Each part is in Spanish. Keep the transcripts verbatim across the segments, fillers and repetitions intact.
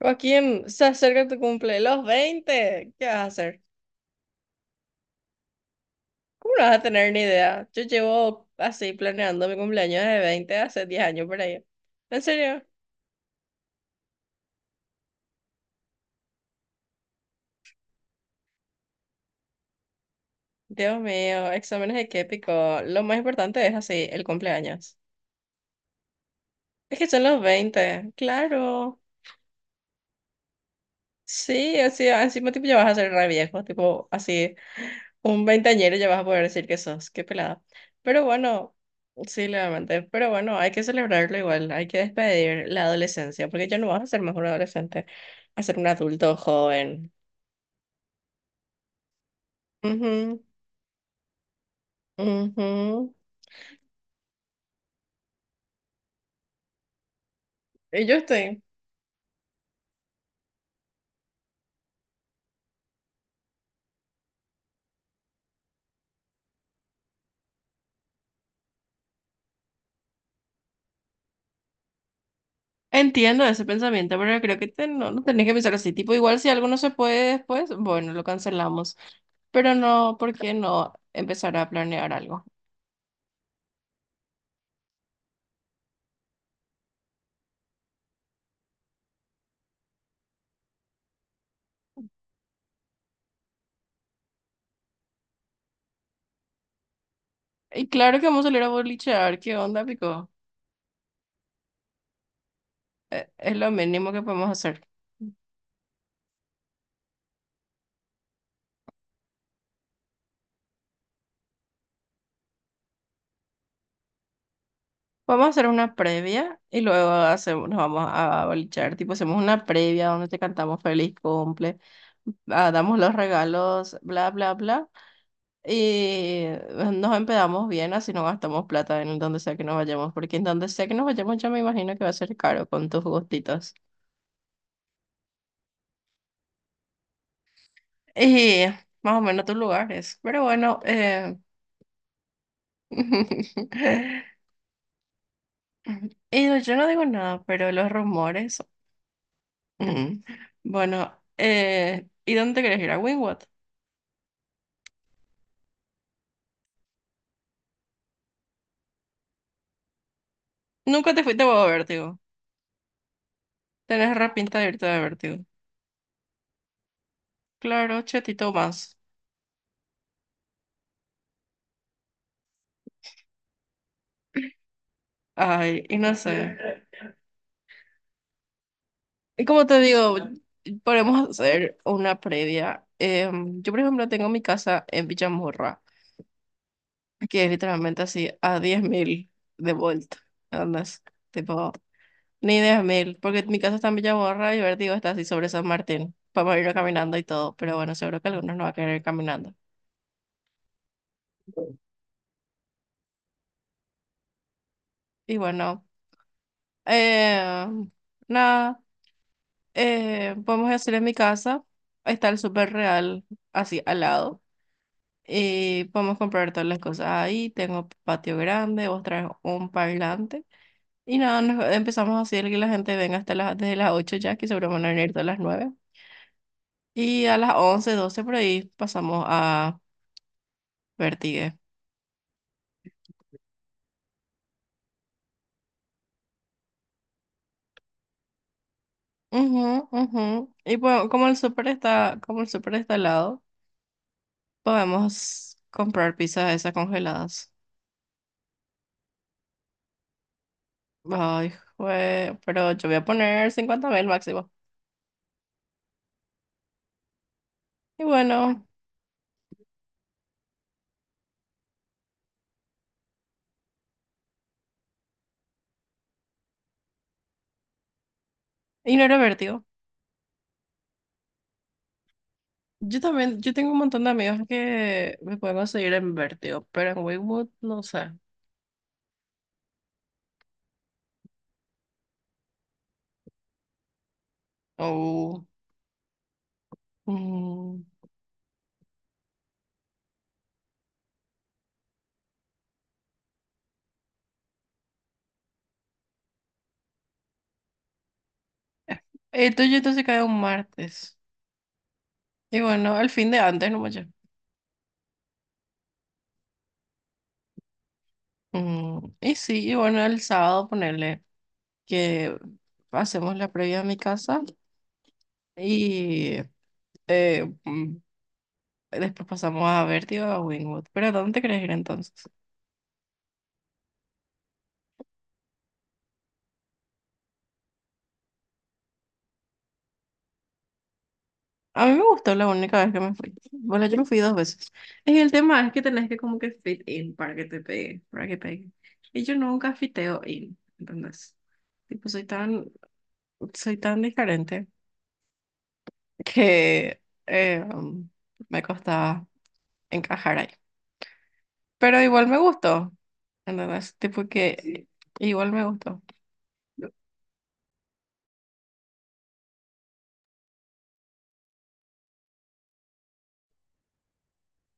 Joaquín, se acerca tu cumple, los veinte, ¿qué vas a hacer? ¿Cómo no vas a tener ni idea? Yo llevo así planeando mi cumpleaños de veinte hace diez años por ahí. ¿En serio? Dios mío, exámenes de qué pico. Lo más importante es así, el cumpleaños. Es que son los veinte, claro. Sí, así, encima tipo ya vas a ser re viejo, tipo así. Un veinteañero ya vas a poder decir que sos, qué pelada. Pero bueno, sí, levemente. Pero bueno, hay que celebrarlo igual, hay que despedir la adolescencia, porque ya no vas a ser más un adolescente, a ser un adulto joven. Ujú, ujú. Y yo estoy. Entiendo ese pensamiento, pero creo que te- no, no tenés que pensar así. Tipo, igual si algo no se puede después, bueno, lo cancelamos. Pero no, ¿por qué no empezar a planear algo? Y claro que vamos a salir a bolichear, ¿qué onda, pico? Eh, Es lo mínimo que podemos hacer. Vamos a hacer una previa y luego hacemos, nos vamos a bolichar. Tipo, hacemos una previa donde te cantamos feliz cumple, ah, damos los regalos, bla, bla, bla. Y nos empedamos bien, así no gastamos plata en donde sea que nos vayamos, porque en donde sea que nos vayamos yo me imagino que va a ser caro con tus gustitos. Y más o menos tus lugares. Pero bueno, eh... y yo no digo nada, pero los rumores. Mm. Bueno, eh, ¿y dónde te querés ir? ¿A Wingwood? Nunca te fuiste a Vértigo. Tenés re pinta de irte a Vértigo. Claro, chetito más. Ay, y no sé. Y como te digo, podemos hacer una previa. Em, yo, por ejemplo, tengo mi casa en Villamorra, que es literalmente así a diez mil de vuelta. ¿Andas? Tipo, ni diez mil porque mi casa está en Villamorra y Vértigo está así sobre San Martín. Podemos ir caminando y todo, pero bueno, seguro que algunos no va a querer ir caminando. Y bueno, eh, nada, eh, podemos hacer en mi casa, está el súper real así al lado y podemos comprar todas las cosas ahí, tengo patio grande, vos traes un parlante y nada, nos- empezamos así el que la gente venga hasta las, desde las ocho ya, que seguro van a venir todas las nueve y a las once doce por ahí pasamos a Vertigue. Ujú, ujú. Y bueno, como el súper está, como el súper está al lado, podemos comprar pizzas esas congeladas. Ay, jue- pero yo voy a poner cincuenta mil máximo. Y bueno, y no era Vértigo. Yo también, yo tengo un montón de amigos que me pueden conseguir en Vértigo, pero en Wingwood no sé. Oh, mm. El tuyo entonces cae un martes. Y bueno, el fin de antes, no mucho. Mm, Y sí, y bueno, el sábado ponerle que hacemos la previa a mi casa y eh, mm, después pasamos a Vértigo a Wingwood. Pero, ¿a dónde te querés ir entonces? A mí me gustó la única vez que me fui. Bueno, yo me fui dos veces. Y el tema es que tenés que como que fit in para que te pegue, para que pegue. Y yo nunca fiteo in, ¿entendés? Tipo, soy tan, soy tan diferente que eh, um, me costaba encajar ahí. Pero igual me gustó, ¿entendés? Tipo que sí. Igual me gustó.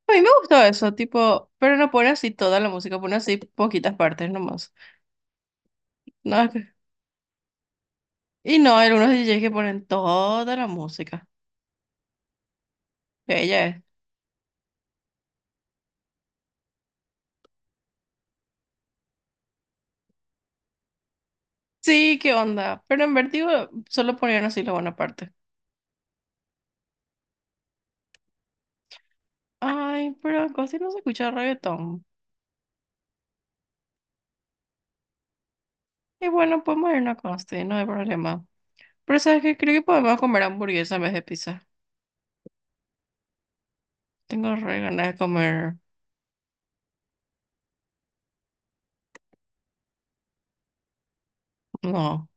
A mí me gustó eso, tipo, pero no pone así toda la música, pone así poquitas partes nomás. No, y no, hay algunos D Js que ponen toda la música. Ella es. Sí, qué onda. Pero en Vertigo solo ponían así la buena parte. Ay, pero en Costi no se escucha reggaetón. Y bueno, podemos irnos a Costi, no hay problema. Pero ¿sabes qué? Creo que podemos comer hamburguesa en vez de pizza. Tengo re ganas de comer. No.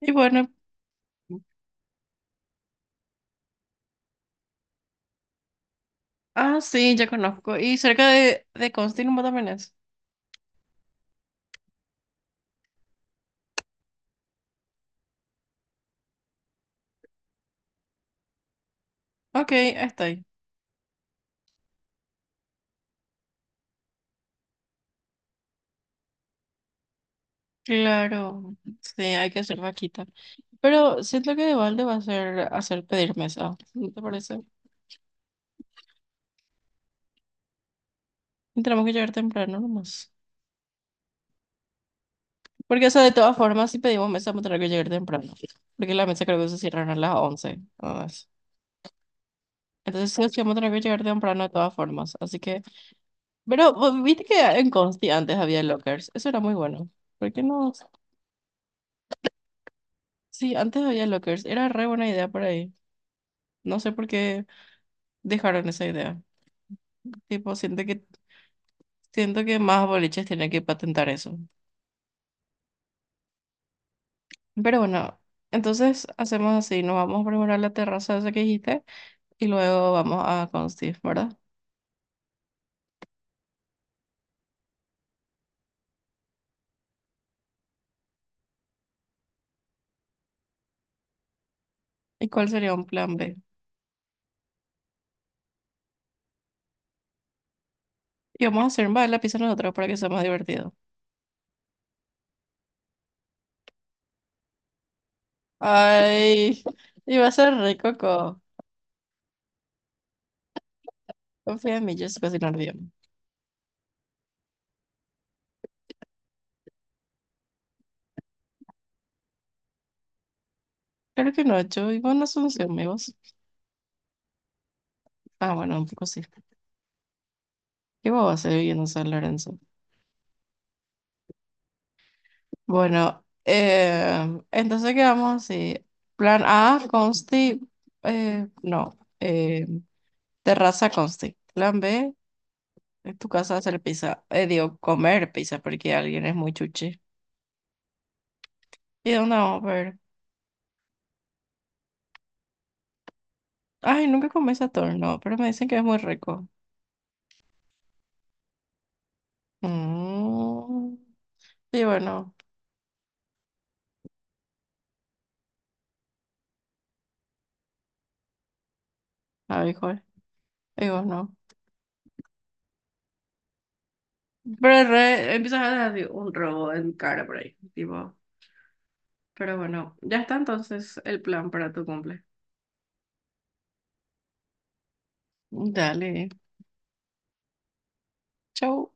Y bueno. Ah, sí, ya conozco. Y cerca de, de Costi nomás también es. Ok, ahí estoy. Claro. Sí, hay que hacer vaquita. Pero siento que de balde va a ser hacer pedir mesa, ¿no te parece? Y tenemos que llegar temprano nomás. Porque, o sea, de todas formas, si pedimos mesa, vamos a tener que llegar temprano. Porque la mesa creo que se cierran a las once nada más. Entonces, sí, o sí, vamos a tener que llegar temprano de todas formas. Así que, pero vos viste que en Consti antes había lockers. Eso era muy bueno. ¿Por qué no? Sí, antes había lockers. Era re buena idea por ahí. No sé por qué dejaron esa idea. Tipo, siento que, siento que más boliches tienen que patentar eso. Pero bueno, entonces hacemos así, nos vamos a preparar la terraza esa que dijiste y luego vamos a Consti, ¿verdad? ¿Y cuál sería un plan B? Y vamos a hacer más la pizza nosotros para que sea más divertido. Ay, y va a ser rico, Coco. Confía en mí, yo sé cocinar bien. Claro que no, yo vivo en Asunción, amigos. Ah, bueno, un poco sí. ¿Qué vos vas a hacer viviendo en San Lorenzo? Bueno, eh, entonces quedamos así. Plan A, Consti, eh, no, eh, terraza Consti. Plan B. En tu casa hacer pizza, eh, digo, comer pizza porque alguien es muy chuchi. ¿Y dónde vamos a ver? Ay, nunca comí ese torno, pero me dicen que es muy rico. Mm, y bueno, abijoy, digo, no. Pero re, empiezas a dar digo, un robo en cara por ahí, tipo. Pero bueno, ya está entonces el plan para tu cumple. Dale, chau.